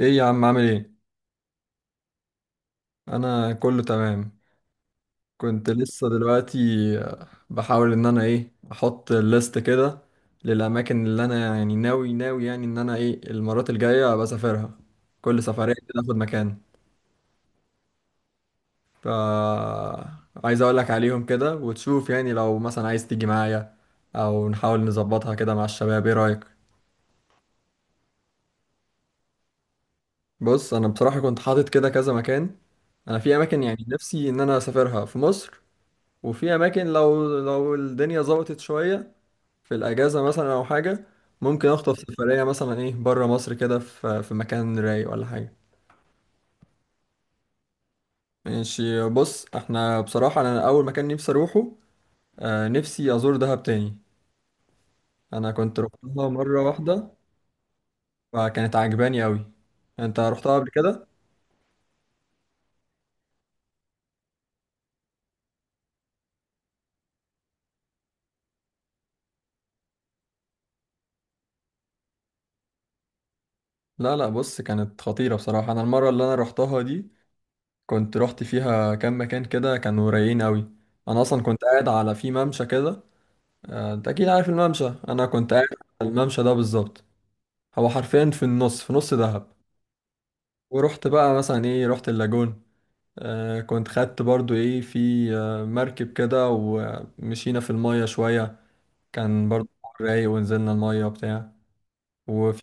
ايه يا عم، عامل ايه؟ انا كله تمام. كنت لسه دلوقتي بحاول ان انا احط الليست كده للاماكن اللي انا يعني ناوي يعني ان انا المرات الجايه بسافرها، كل سفريه كده اخد مكان. ف عايز اقول لك عليهم كده وتشوف، يعني لو مثلا عايز تيجي معايا او نحاول نظبطها كده مع الشباب، ايه رايك؟ بص، انا بصراحه كنت حاطط كده كذا مكان. انا في اماكن يعني نفسي ان انا اسافرها في مصر، وفي اماكن لو الدنيا ظبطت شويه في الاجازه مثلا او حاجه، ممكن اخطف سفريه مثلا بره مصر كده في مكان رايق ولا حاجه. ماشي. بص احنا بصراحه، انا اول مكان نفسي اروحه، نفسي ازور دهب تاني. انا كنت رحتها مره واحده فكانت عجباني قوي. انت رحتها قبل كده؟ لا لا، بص كانت خطيره بصراحه. انا المره اللي انا رحتها دي كنت رحت فيها كام مكان كده كانوا رايقين قوي. انا اصلا كنت قاعد على في ممشى كده. انت اكيد عارف الممشى انا كنت قاعد على الممشى ده بالظبط. هو حرفيا في نص دهب. ورحت بقى مثلا رحت اللاجون. كنت خدت برضو ايه في آه مركب كده، ومشينا في المية شوية. كان برضو رايق، ونزلنا المية وبتاع. وفي،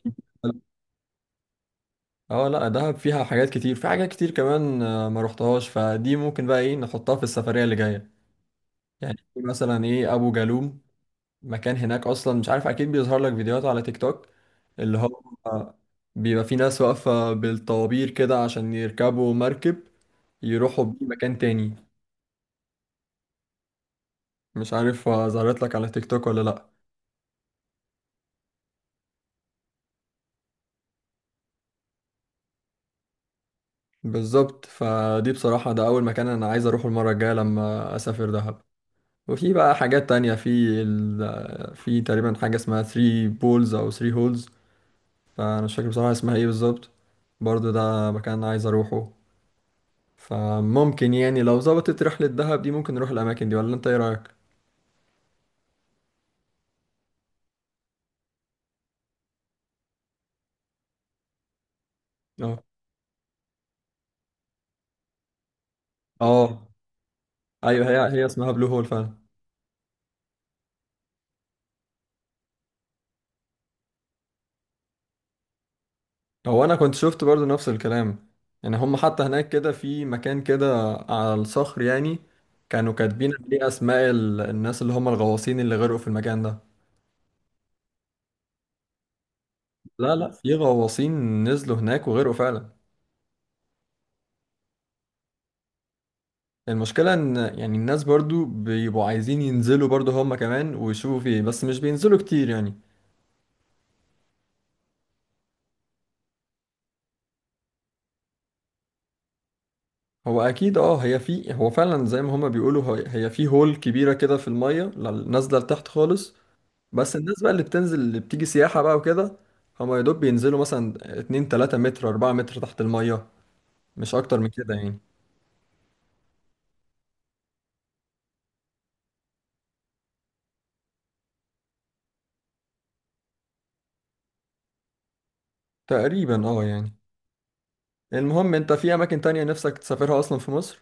اه لا دهب فيها حاجات كتير. في حاجات كتير كمان ما رحتهاش، فدي ممكن بقى نحطها في السفرية اللي جاية. يعني في مثلا ابو جالوم، مكان هناك اصلا مش عارف، اكيد بيظهر لك فيديوهات على تيك توك، اللي هو بيبقى في ناس واقفة بالطوابير كده عشان يركبوا مركب يروحوا بيه مكان تاني. مش عارف ظهرت لك على تيك توك ولا لأ. بالظبط، فدي بصراحة ده أول مكان أنا عايز أروحه المرة الجاية لما أسافر دهب. وفي بقى حاجات تانية في. في تقريبا حاجة اسمها 3 بولز أو 3 هولز، فأنا مش فاكر بصراحة اسمها إيه بالظبط. برضه ده مكان عايز أروحه. فممكن يعني لو ظبطت رحلة دهب دي ممكن نروح الأماكن دي، ولا أنت إيه رأيك؟ أه. أه. أيوه، هي اسمها بلو هول فعلا. هو أنا كنت شفت برضو نفس الكلام. يعني هم حتى هناك كده في مكان كده على الصخر يعني كانوا كاتبين عليه أسماء الناس اللي هم الغواصين اللي غرقوا في المكان ده. لا لا، في غواصين نزلوا هناك وغرقوا فعلا. المشكلة إن يعني الناس برضو بيبقوا عايزين ينزلوا برضو هم كمان ويشوفوا فيه، بس مش بينزلوا كتير يعني. هو اكيد اه، هي في، هو فعلا زي ما هما بيقولوا، هي في هول كبيره كده في الميه، نازله لتحت خالص. بس الناس بقى اللي بتنزل، اللي بتيجي سياحه بقى وكده، هما يا دوب بينزلوا مثلا 2 3 متر 4 متر تحت الميه، مش اكتر من كده يعني. تقريبا اه يعني. المهم، انت في اماكن تانية نفسك تسافرها اصلا في مصر؟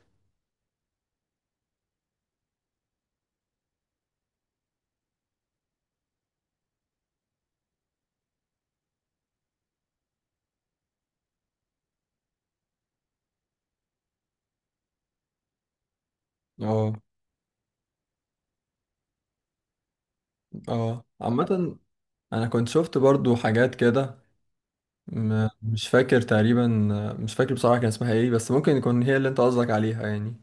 اه. اه. عامه انا كنت شفت برضو حاجات كده. مش فاكر تقريبا، مش فاكر بصراحه كان اسمها ايه، بس ممكن يكون هي اللي انت قصدك عليها يعني.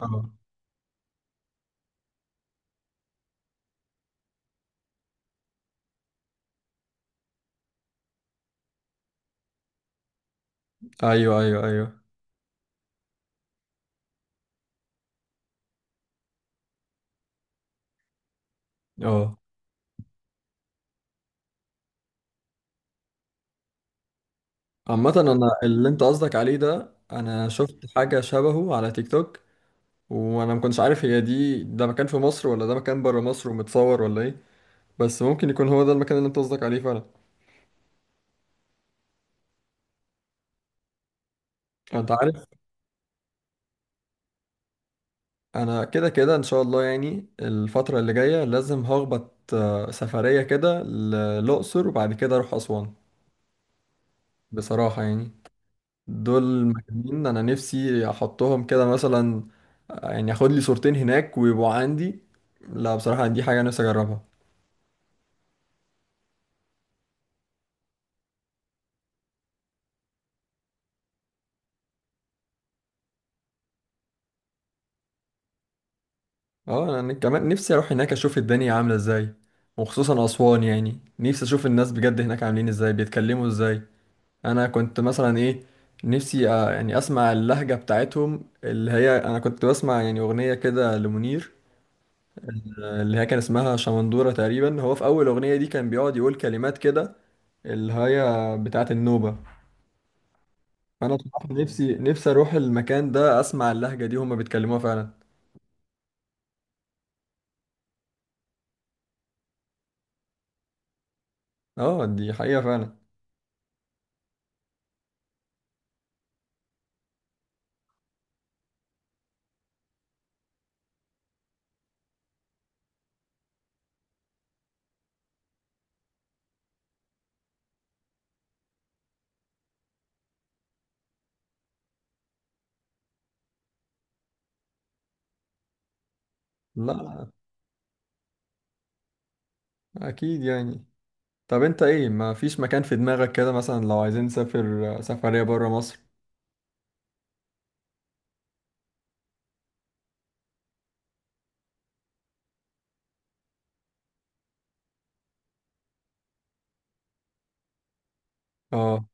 اه. ايوه ايوه ايوه. اه، عامة، انا اللي انت قصدك عليه ده، انا شفت حاجة شبهه على تيك توك، وانا ما كنتش عارف هي دي ده مكان في مصر ولا ده مكان بره مصر ومتصور ولا ايه، بس ممكن يكون هو ده المكان اللي انت قصدك عليه فعلا. انت عارف، انا كده كده ان شاء الله يعني الفترة اللي جاية لازم هخبط سفرية كده للأقصر، وبعد كده اروح أسوان. بصراحة يعني دول مكانين انا نفسي احطهم كده مثلا، يعني اخد لي صورتين هناك ويبقوا عندي. لا بصراحة دي حاجة نفسي اجربها. اه، انا كمان نفسي اروح هناك اشوف الدنيا عاملة ازاي، وخصوصا اسوان يعني نفسي اشوف الناس بجد هناك عاملين ازاي، بيتكلموا ازاي. انا كنت مثلا نفسي يعني اسمع اللهجة بتاعتهم. اللي هي انا كنت بسمع يعني اغنية كده لمنير، اللي هي كان اسمها شمندورة تقريبا، هو في اول اغنية دي كان بيقعد يقول كلمات كده اللي هي بتاعت النوبة. انا بصراحة نفسي اروح المكان ده اسمع اللهجة دي هما بيتكلموها فعلا. اه، دي حقيقة فعلا. لا لا، اكيد يعني. طب انت ايه، ما فيش مكان في دماغك كده مثلا لو عايزين نسافر سفرية برا مصر؟ اه.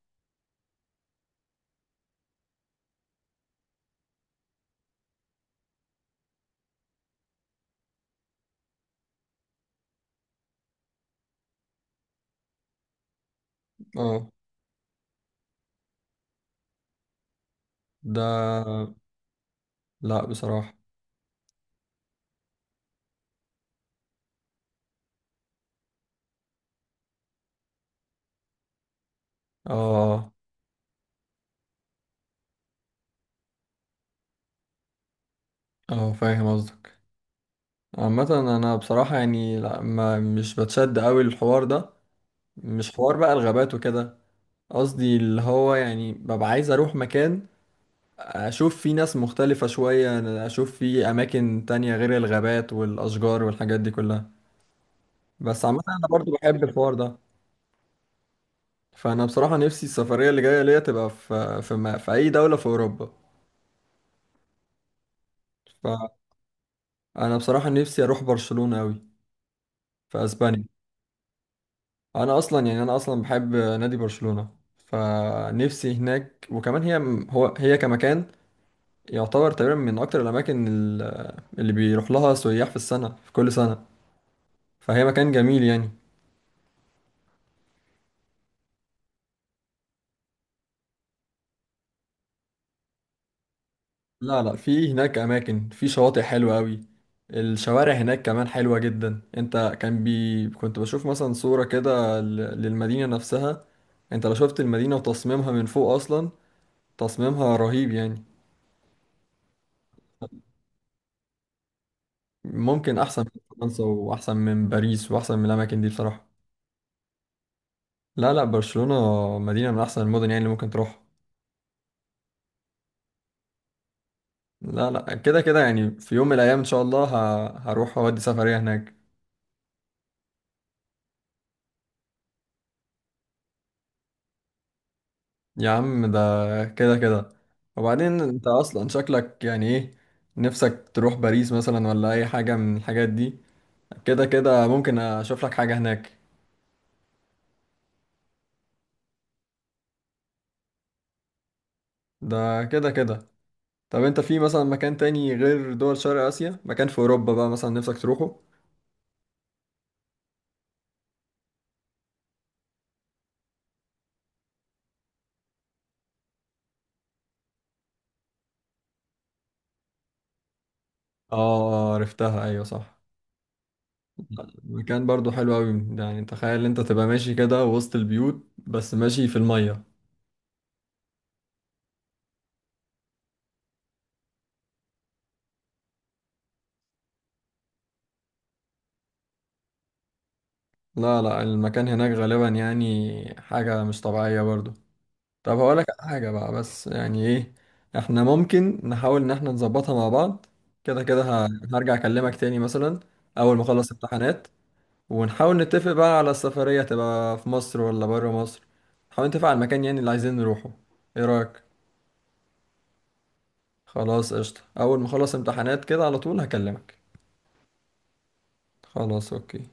اه. ده لا بصراحة. اه. اه، فاهم قصدك. عامة، انا بصراحة يعني لا، ما مش بتشد قوي الحوار ده، مش حوار بقى الغابات وكده. قصدي اللي هو يعني ببقى عايز اروح مكان اشوف في ناس مختلفة شوية، أنا اشوف في اماكن تانية غير الغابات والاشجار والحاجات دي كلها. بس عامة انا برضو بحب الحوار ده. فانا بصراحة نفسي السفرية اللي جاية ليا تبقى في ما في اي دولة في اوروبا. فانا بصراحة نفسي اروح برشلونة اوي، في اسبانيا. انا اصلا يعني انا اصلا بحب نادي برشلونة، فنفسي هناك. وكمان هي، هو هي كمكان يعتبر تقريبا من اكتر الاماكن اللي بيروح لها سياح في السنة، في كل سنة. فهي مكان جميل يعني. لا لا، في هناك اماكن، في شواطئ حلوه قوي. الشوارع هناك كمان حلوه جدا. انت كان كنت بشوف مثلا صوره كده للمدينه نفسها. انت لو شفت المدينه وتصميمها من فوق اصلا، تصميمها رهيب يعني. ممكن احسن من فرنسا واحسن من باريس واحسن من الاماكن دي بصراحه. لا لا، برشلونه مدينه من احسن المدن يعني اللي ممكن تروح. لا لا، كده كده يعني في يوم من الايام ان شاء الله هروح اودي سفريه هناك. يا عم ده كده كده. وبعدين انت اصلا شكلك يعني ايه، نفسك تروح باريس مثلا ولا اي حاجة من الحاجات دي. كده كده ممكن اشوف لك حاجة هناك. ده كده كده. طب انت في مثلا مكان تاني غير دول شرق اسيا، مكان في اوروبا بقى مثلا نفسك تروحه؟ اه عرفتها، ايوه صح. مكان برضو حلو قوي ده. يعني تخيل انت تبقى ماشي كده وسط البيوت بس ماشي في المية. لا لا، المكان هناك غالبا يعني حاجة مش طبيعية برضو. طب هقول لك على حاجة بقى بس، يعني ايه، احنا ممكن نحاول ان احنا نظبطها مع بعض. كده كده هرجع اكلمك تاني مثلا اول ما اخلص امتحانات، ونحاول نتفق بقى على السفرية تبقى في مصر ولا بره مصر، نحاول نتفق على المكان يعني اللي عايزين نروحه. ايه رأيك؟ خلاص، قشطة، اول ما اخلص امتحانات كده على طول هكلمك. خلاص اوكي.